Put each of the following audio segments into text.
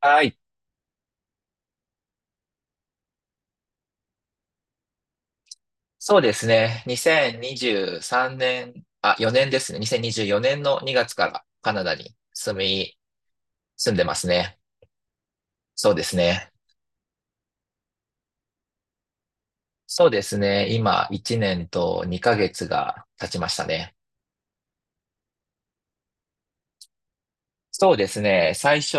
はい。そうですね。2023年、あ、4年ですね。2024年の2月からカナダに住んでますね。そうですね。そうですね。今、1年と2ヶ月が経ちましたね。そうですね。最初、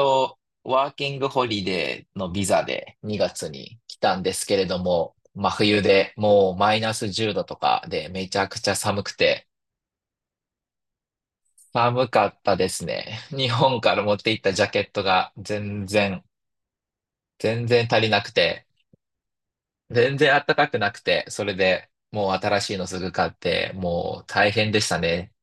ワーキングホリデーのビザで2月に来たんですけれども、真冬でもうマイナス10度とかでめちゃくちゃ寒くて、寒かったですね。日本から持って行ったジャケットが全然全然足りなくて、全然暖かくなくて、それでもう新しいのすぐ買って、もう大変でしたね。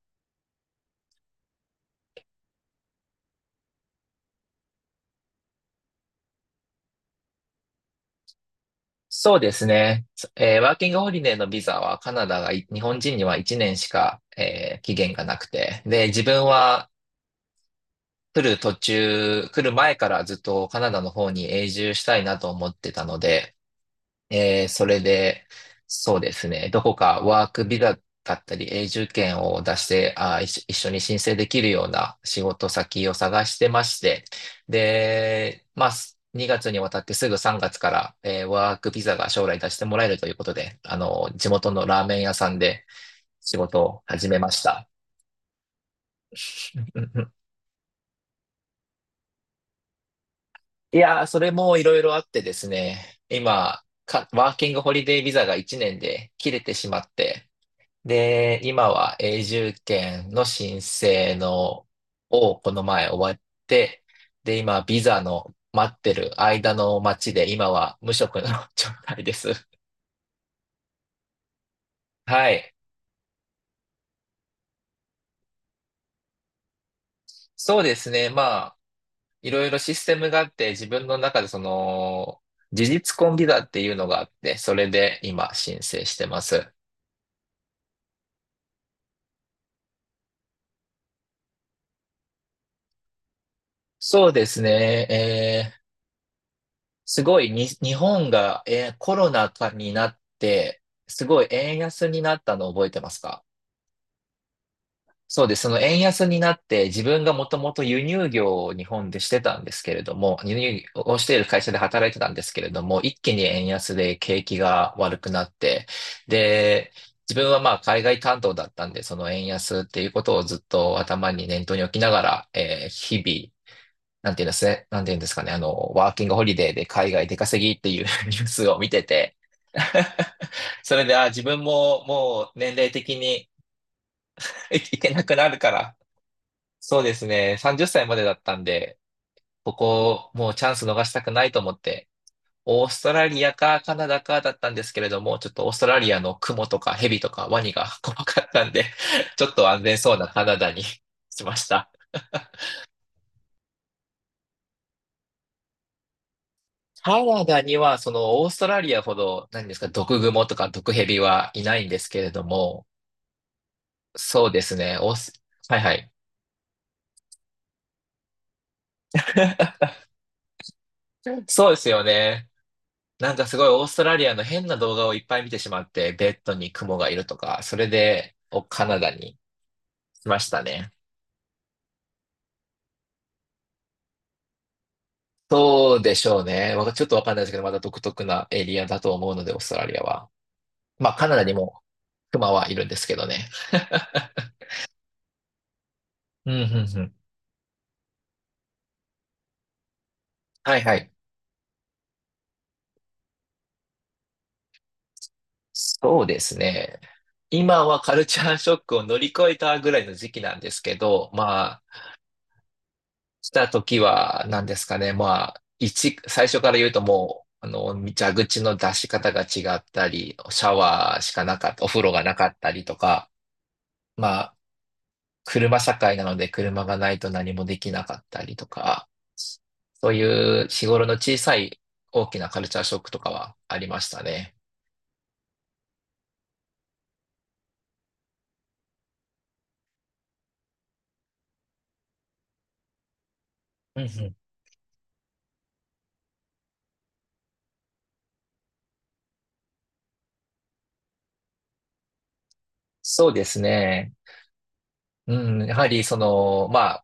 そうですね。ワーキングホリデーのビザはカナダがい日本人には1年しか、期限がなくて、で、自分は来る前からずっとカナダの方に永住したいなと思ってたので、それで、そうですね、どこかワークビザだったり永住権を出して、一緒に申請できるような仕事先を探してまして、で、まあ、2月にわたってすぐ3月から、ワークビザが将来出してもらえるということで、地元のラーメン屋さんで仕事を始めました。うんうんうん。いやー、それもいろいろあってですね、今、ワーキングホリデービザが1年で切れてしまって、で、今は永住権の申請のをこの前終わって、で、今ビザの待ってる間の待ちで今は無職の 状態です。はい。そうですね。まあ、いろいろシステムがあって自分の中でその事実婚ビザっていうのがあって、それで今申請してます。そうですね。すごいに、日本が、コロナ禍になって、すごい円安になったの覚えてますか？そうです。その円安になって、自分がもともと輸入業を日本でしてたんですけれども、輸入をしている会社で働いてたんですけれども、一気に円安で景気が悪くなって、で、自分はまあ海外担当だったんで、その円安っていうことをずっと念頭に置きながら、日々、なんていうんですかね、ワーキングホリデーで海外出稼ぎっていう ニュースを見てて、それで、あ、自分ももう年齢的に いけなくなるから、そうですね。30歳までだったんで、ここもうチャンス逃したくないと思って、オーストラリアかカナダかだったんですけれども、ちょっとオーストラリアのクモとかヘビとかワニが 怖かったんで、ちょっと安全そうなカナダに しました。カナダにはそのオーストラリアほど、何ですか、毒グモとか毒ヘビはいないんですけれども、そうですね。オース、はいはい。そうですよね。なんかすごいオーストラリアの変な動画をいっぱい見てしまって、ベッドに雲がいるとか、それでカナダに来ましたね。そうでしょうね。ちょっとわかんないですけど、まだ独特なエリアだと思うので、オーストラリアは。まあ、カナダにもクマはいるんですけどね。うん、うん、うん。はいはい。そうですね。今はカルチャーショックを乗り越えたぐらいの時期なんですけど、ました時は、何ですかね。まあ、最初から言うともう、蛇口の出し方が違ったり、シャワーしかなかった、お風呂がなかったりとか、まあ、車社会なので車がないと何もできなかったりとか、そういう日頃の小さい大きなカルチャーショックとかはありましたね。うんうん。そうですね。うん、やはりその、ま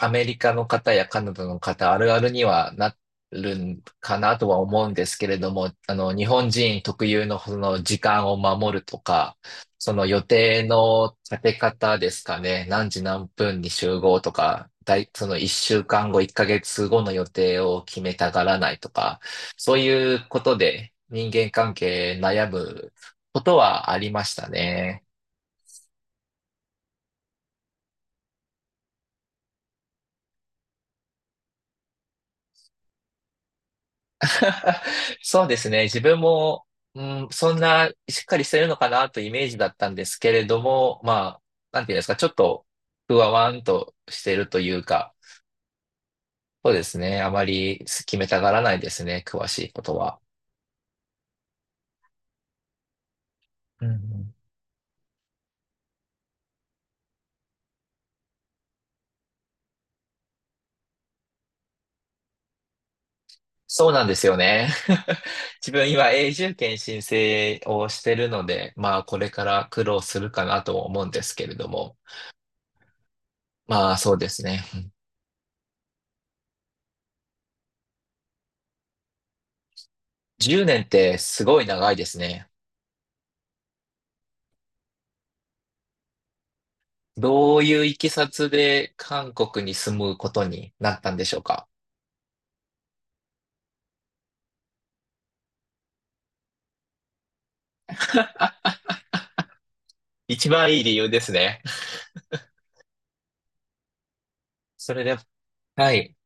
アメリカの方やカナダの方あるあるにはなるんかなとは思うんですけれども、日本人特有のその時間を守るとか、その予定の立て方ですかね、何時何分に集合とか、その1週間後、1ヶ月後の予定を決めたがらないとか、そういうことで人間関係悩むことはありましたね。そうですね。自分も、うん、そんなしっかりしてるのかなというイメージだったんですけれども、まあ、なんていうんですか、ちょっとふわわんとしてるというか、そうですね。あまり決めたがらないですね。詳しいことは。うんうん。そうなんですよね。自分今永住権申請をしてるので、まあこれから苦労するかなと思うんですけれども。まあそうですね。10年ってすごい長いですね。どういういきさつで韓国に住むことになったんでしょうか？一番いい理由ですね。それで、はい。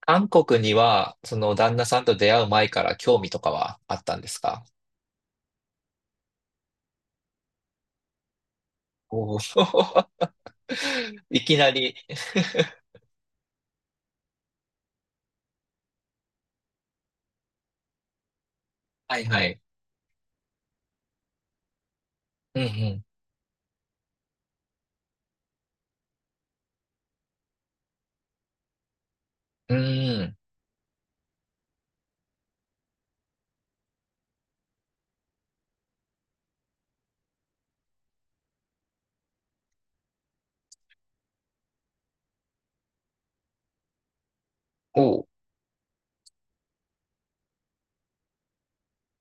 韓国には、その旦那さんと出会う前から興味とかはあったんですか？おー。 いきなり。 はいはい。うんうん。うん。おー。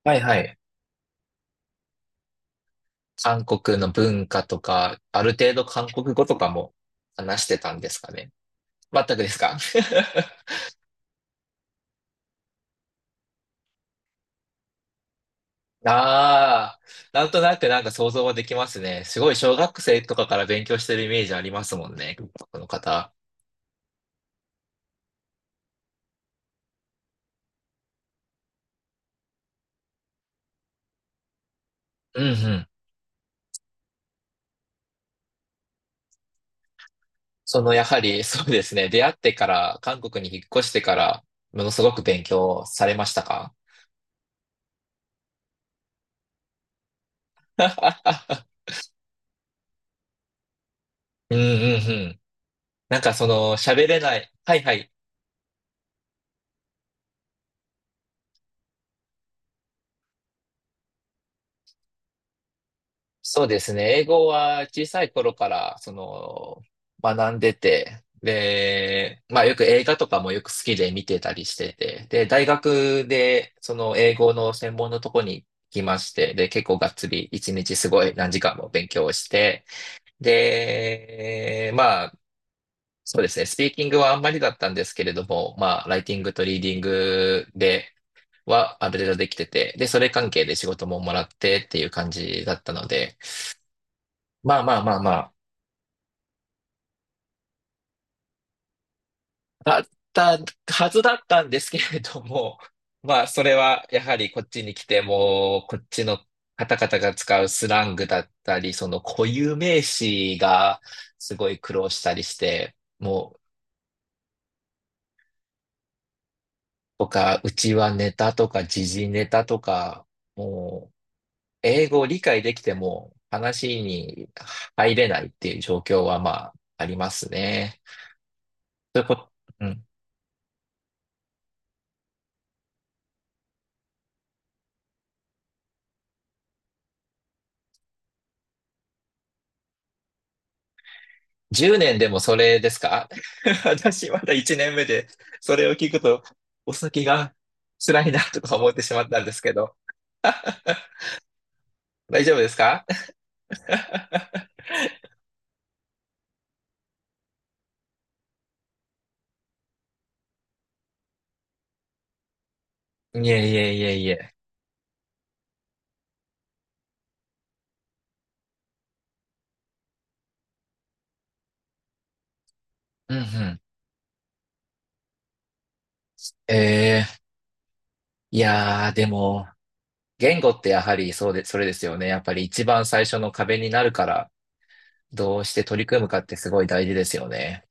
はいはい。韓国の文化とか、ある程度韓国語とかも話してたんですかね？全くですか？ ああ、なんとなくなんか想像はできますね。すごい小学生とかから勉強してるイメージありますもんね、韓国の方。うんうん。そのやはり そうですね、出会ってから、韓国に引っ越してから、ものすごく勉強されましたか？ うんうんうん。なんかその喋れない。はいはい。そうですね。英語は小さい頃から、学んでて、で、まあよく映画とかもよく好きで見てたりしてて、で、大学でその英語の専門のとこに来まして、で、結構がっつり1日すごい何時間も勉強をして、で、まあ、そうですね。スピーキングはあんまりだったんですけれども、まあ、ライティングとリーディングではある程度できてて、で、それ関係で仕事ももらってっていう感じだったので、まあまあまあまだったはずだったんですけれども、まあ、それはやはりこっちに来ても、こっちの方々が使うスラングだったり、その固有名詞がすごい苦労したりして、もう、とかうちはネタとか時事ネタとか、もう、英語を理解できても話に入れないっていう状況はまあ、ありますね。そういうこと、うん。10年でもそれですか？ 私まだ1年目で、それを聞くと、お先が辛いなとか思ってしまったんですけど。大丈夫ですか？ いえいえいえいえ。うんうん。えー、いやー、でも、言語ってやはりそうで、それですよね。やっぱり一番最初の壁になるから、どうして取り組むかってすごい大事ですよね。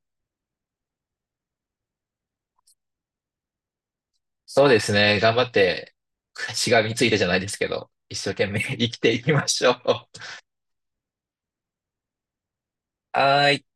そうですね。頑張って、しがみついてじゃないですけど、一生懸命生きていきましょう。はーい。